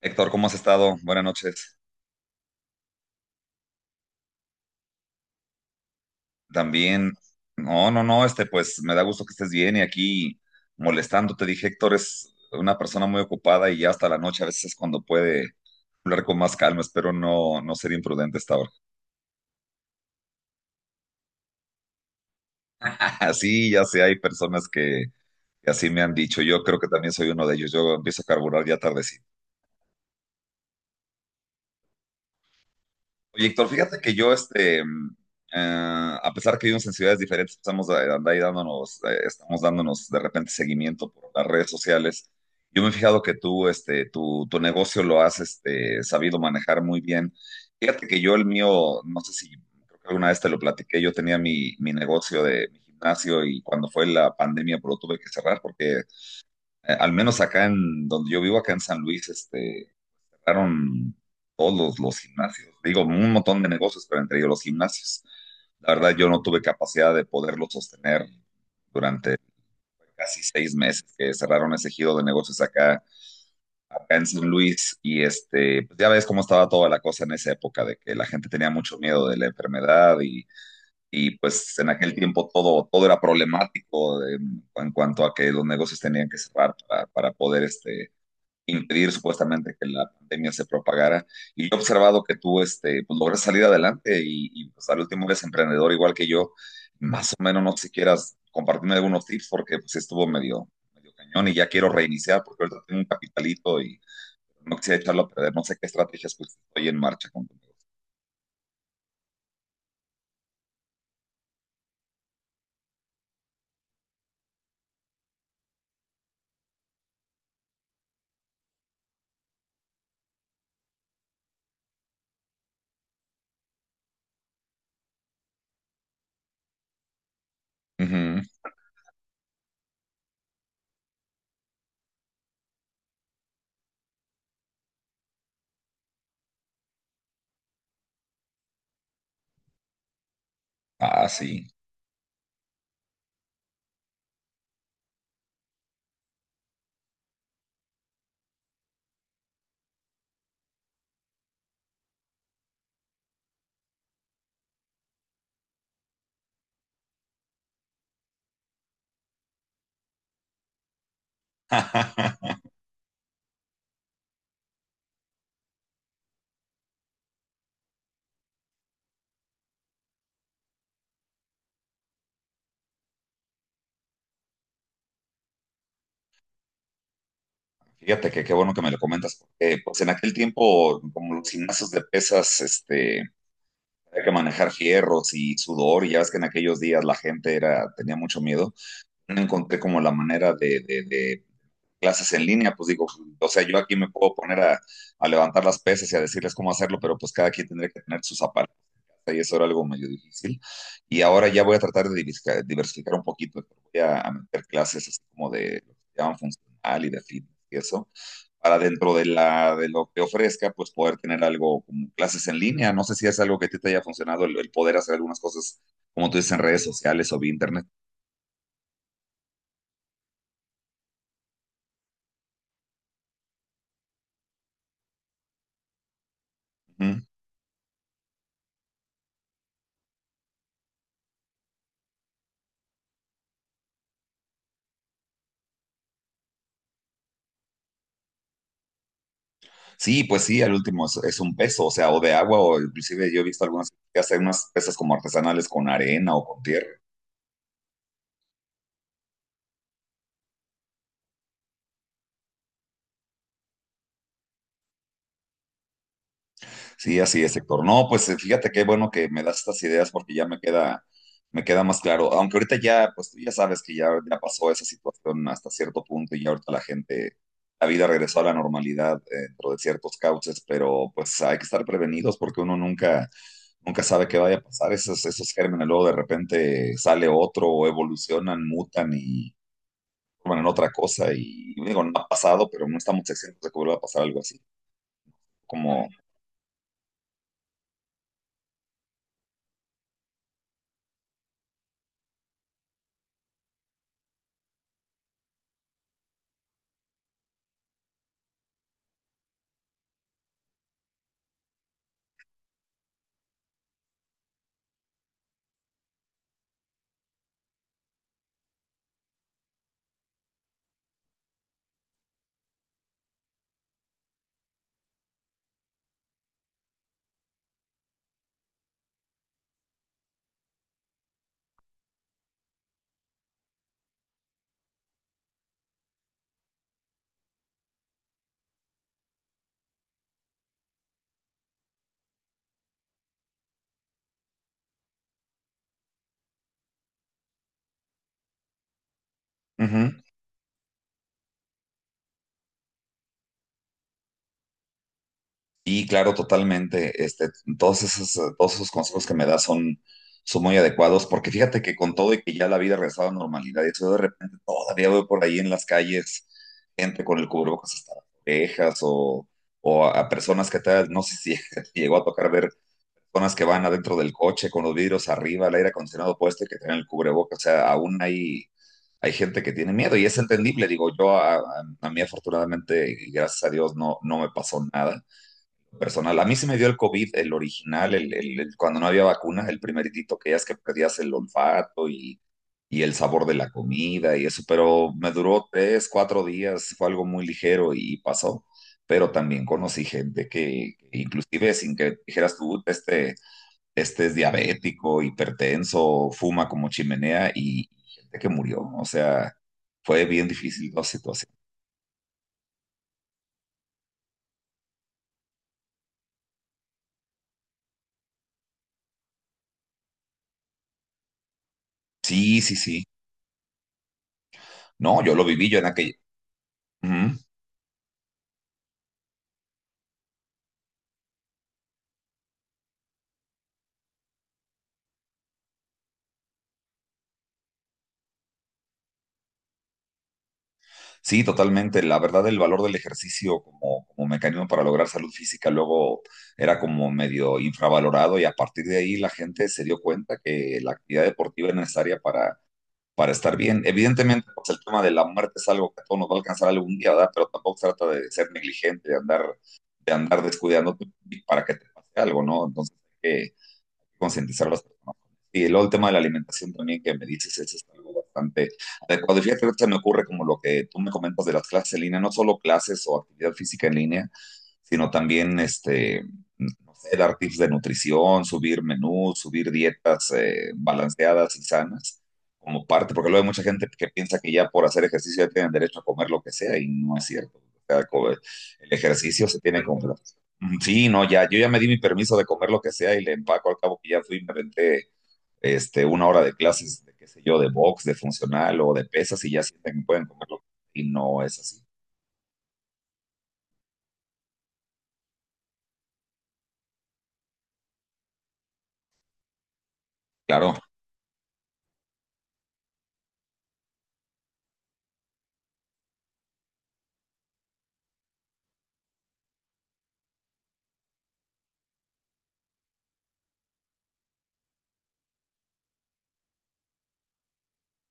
Héctor, ¿cómo has estado? Buenas noches. También, no, no, no, pues me da gusto que estés bien y aquí molestándote. Dije, Héctor es una persona muy ocupada y ya hasta la noche a veces es cuando puede hablar con más calma. Espero no ser imprudente a esta ahora. Así, ya sé, hay personas que así me han dicho. Yo creo que también soy uno de ellos. Yo empiezo a carburar ya tardecito. Oye, Héctor, fíjate que yo, a pesar que vivimos en ciudades diferentes, estamos dándonos de repente seguimiento por las redes sociales. Yo me he fijado que tú, tu negocio lo has, sabido manejar muy bien. Fíjate que yo el mío, no sé si, creo que alguna vez te lo platiqué, yo tenía mi negocio de mi gimnasio y cuando fue la pandemia, pues lo tuve que cerrar porque, al menos acá en donde yo vivo, acá en San Luis, este cerraron todos los gimnasios. Digo, un montón de negocios, pero entre ellos los gimnasios. La verdad, yo no tuve capacidad de poderlo sostener durante casi 6 meses que cerraron ese giro de negocios acá, acá en San Luis. Y este, pues ya ves cómo estaba toda la cosa en esa época, de que la gente tenía mucho miedo de la enfermedad y pues en aquel tiempo todo era problemático en cuanto a que los negocios tenían que cerrar para poder este, impedir supuestamente que la pandemia se propagara. Y yo he observado que tú este, pues, logras salir adelante y pues al último eres emprendedor igual que yo. Más o menos, no sé si quieras compartirme algunos tips porque pues sí estuvo medio cañón y ya quiero reiniciar porque ahorita tengo un capitalito y no quisiera echarlo a perder. No sé qué estrategias pues estoy en marcha con tu -huh. Ah, sí. Fíjate que qué bueno que me lo comentas, porque pues en aquel tiempo, como los gimnasios de pesas, este, hay que manejar fierros y sudor, y ya ves que en aquellos días la gente era, tenía mucho miedo. No encontré como la manera de clases en línea, pues digo, o sea, yo aquí me puedo poner a levantar las pesas y a decirles cómo hacerlo, pero pues cada quien tendría que tener sus zapatos y eso era algo medio difícil. Y ahora ya voy a tratar de diversificar, diversificar un poquito, voy a meter clases así como de lo que se llaman funcional y de fitness y eso, para dentro de de lo que ofrezca, pues poder tener algo como clases en línea. No sé si es algo que a ti te haya funcionado, el poder hacer algunas cosas, como tú dices, en redes sociales o vía internet. Uh -huh. Sí, pues sí, al último es un peso, o sea, o de agua, o inclusive yo he visto algunas que hacen unas pesas como artesanales con arena o con tierra. Sí, así es, Héctor. No, pues fíjate qué bueno que me das estas ideas porque ya me queda más claro. Aunque ahorita ya, pues tú ya sabes que ya pasó esa situación hasta cierto punto y ya ahorita la gente, la vida regresó a la normalidad dentro de ciertos cauces, pero pues hay que estar prevenidos porque uno nunca, nunca sabe qué vaya a pasar. Esos gérmenes luego de repente sale otro o evolucionan, mutan bueno, en otra cosa y digo, no ha pasado, pero no estamos exentos de que vuelva a pasar algo así. Como, uh -huh. Y claro, totalmente, este, todos esos consejos que me das son muy adecuados, porque fíjate que con todo y que ya la vida ha regresado a la normalidad, y eso yo de repente todavía veo por ahí en las calles gente con el cubrebocas hasta las orejas o, a personas que tal, no sé si te llegó a tocar ver personas que van adentro del coche con los vidrios arriba, el aire acondicionado puesto y que tienen el cubrebocas. O sea, aún hay, hay gente que tiene miedo y es entendible. Digo, yo a mí afortunadamente y gracias a Dios no, no me pasó nada personal. A mí se me dio el COVID, el original, cuando no había vacuna, el primeritito que ya es que perdías el olfato y el sabor de la comida y eso, pero me duró 3, 4 días, fue algo muy ligero y pasó. Pero también conocí gente que inclusive sin que dijeras tú, este es diabético, hipertenso, fuma como chimenea y gente que murió. O sea, fue bien difícil la situación. Sí, sí, sí. No, yo lo viví yo en aquella. Ujú. Sí, totalmente. La verdad, el valor del ejercicio como mecanismo para lograr salud física luego era como medio infravalorado y a partir de ahí la gente se dio cuenta que la actividad deportiva es necesaria para estar bien. Evidentemente, pues el tema de la muerte es algo que a todos nos va a alcanzar algún día, ¿verdad? Pero tampoco se trata de ser negligente, de andar descuidándote para que te pase algo, ¿no? Entonces, hay que concientizar a las personas. Y luego el tema de la alimentación también que me dices es este, algo bastante adecuado. Y fíjate que se me ocurre como lo que tú me comentas de las clases en línea, no solo clases o actividad física en línea, sino también este, no sé, dar tips de nutrición, subir menús, subir dietas balanceadas y sanas como parte, porque luego hay mucha gente que piensa que ya por hacer ejercicio ya tienen derecho a comer lo que sea y no es cierto. O sea, el ejercicio se tiene como mm, sí, no, ya, yo ya me di mi permiso de comer lo que sea y le empaco al cabo que ya fui, me renté este, una hora de clases, de qué sé yo, de box, de funcional o de pesas y ya sienten que pueden comerlo. Y no es así. Claro,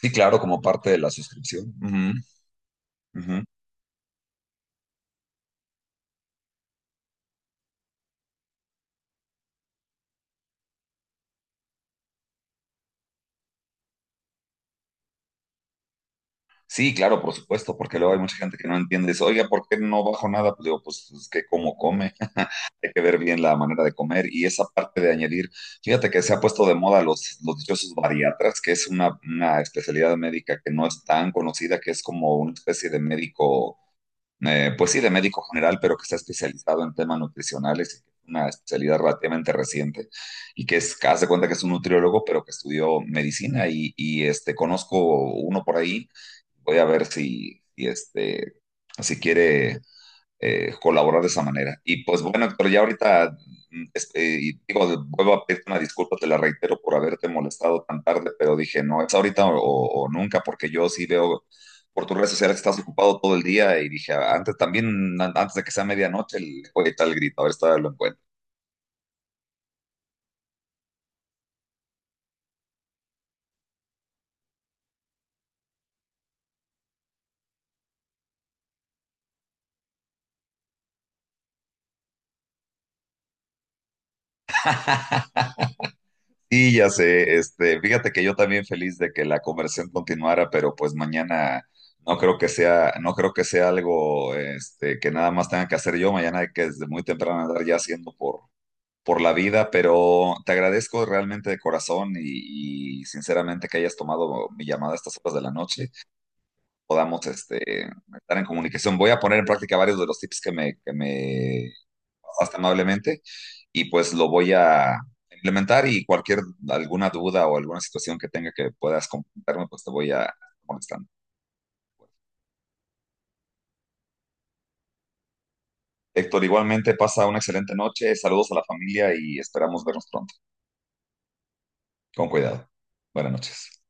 sí, claro, como parte de la suscripción. Ujú, ujú. Sí, claro, por supuesto, porque luego hay mucha gente que no entiende eso. Oiga, ¿por qué no bajo nada? Pues digo, pues es que como come. Hay que ver bien la manera de comer y esa parte de añadir, fíjate que se ha puesto de moda los dichosos bariatras, que es una especialidad médica que no es tan conocida, que es como una especie de médico, pues sí, de médico general, pero que está especializado en temas nutricionales, una especialidad relativamente reciente y que es, haz de cuenta que es un nutriólogo, pero que estudió medicina y este, conozco uno por ahí, voy a ver si quiere colaborar de esa manera. Y pues bueno, Héctor, ya ahorita, y digo, vuelvo a pedirte una disculpa, te la reitero por haberte molestado tan tarde, pero dije, no, es o nunca, porque yo sí veo por tus redes sociales que estás ocupado todo el día y dije, antes también, antes de que sea medianoche, le voy a echar el grito, a ver si todavía lo encuentro. Sí, ya sé, este, fíjate que yo también feliz de que la conversión continuara, pero pues mañana no creo que sea, no creo que sea algo, este, que nada más tenga que hacer yo, mañana hay que desde muy temprano andar ya haciendo por la vida, pero te agradezco realmente de corazón y sinceramente que hayas tomado mi llamada a estas horas de la noche, podamos, este, estar en comunicación. Voy a poner en práctica varios de los tips que me hasta amablemente y pues lo voy a implementar y cualquier alguna duda o alguna situación que tenga que puedas comentarme, pues te voy a molestar. Héctor, igualmente pasa una excelente noche, saludos a la familia y esperamos vernos pronto. Con cuidado. Buenas noches.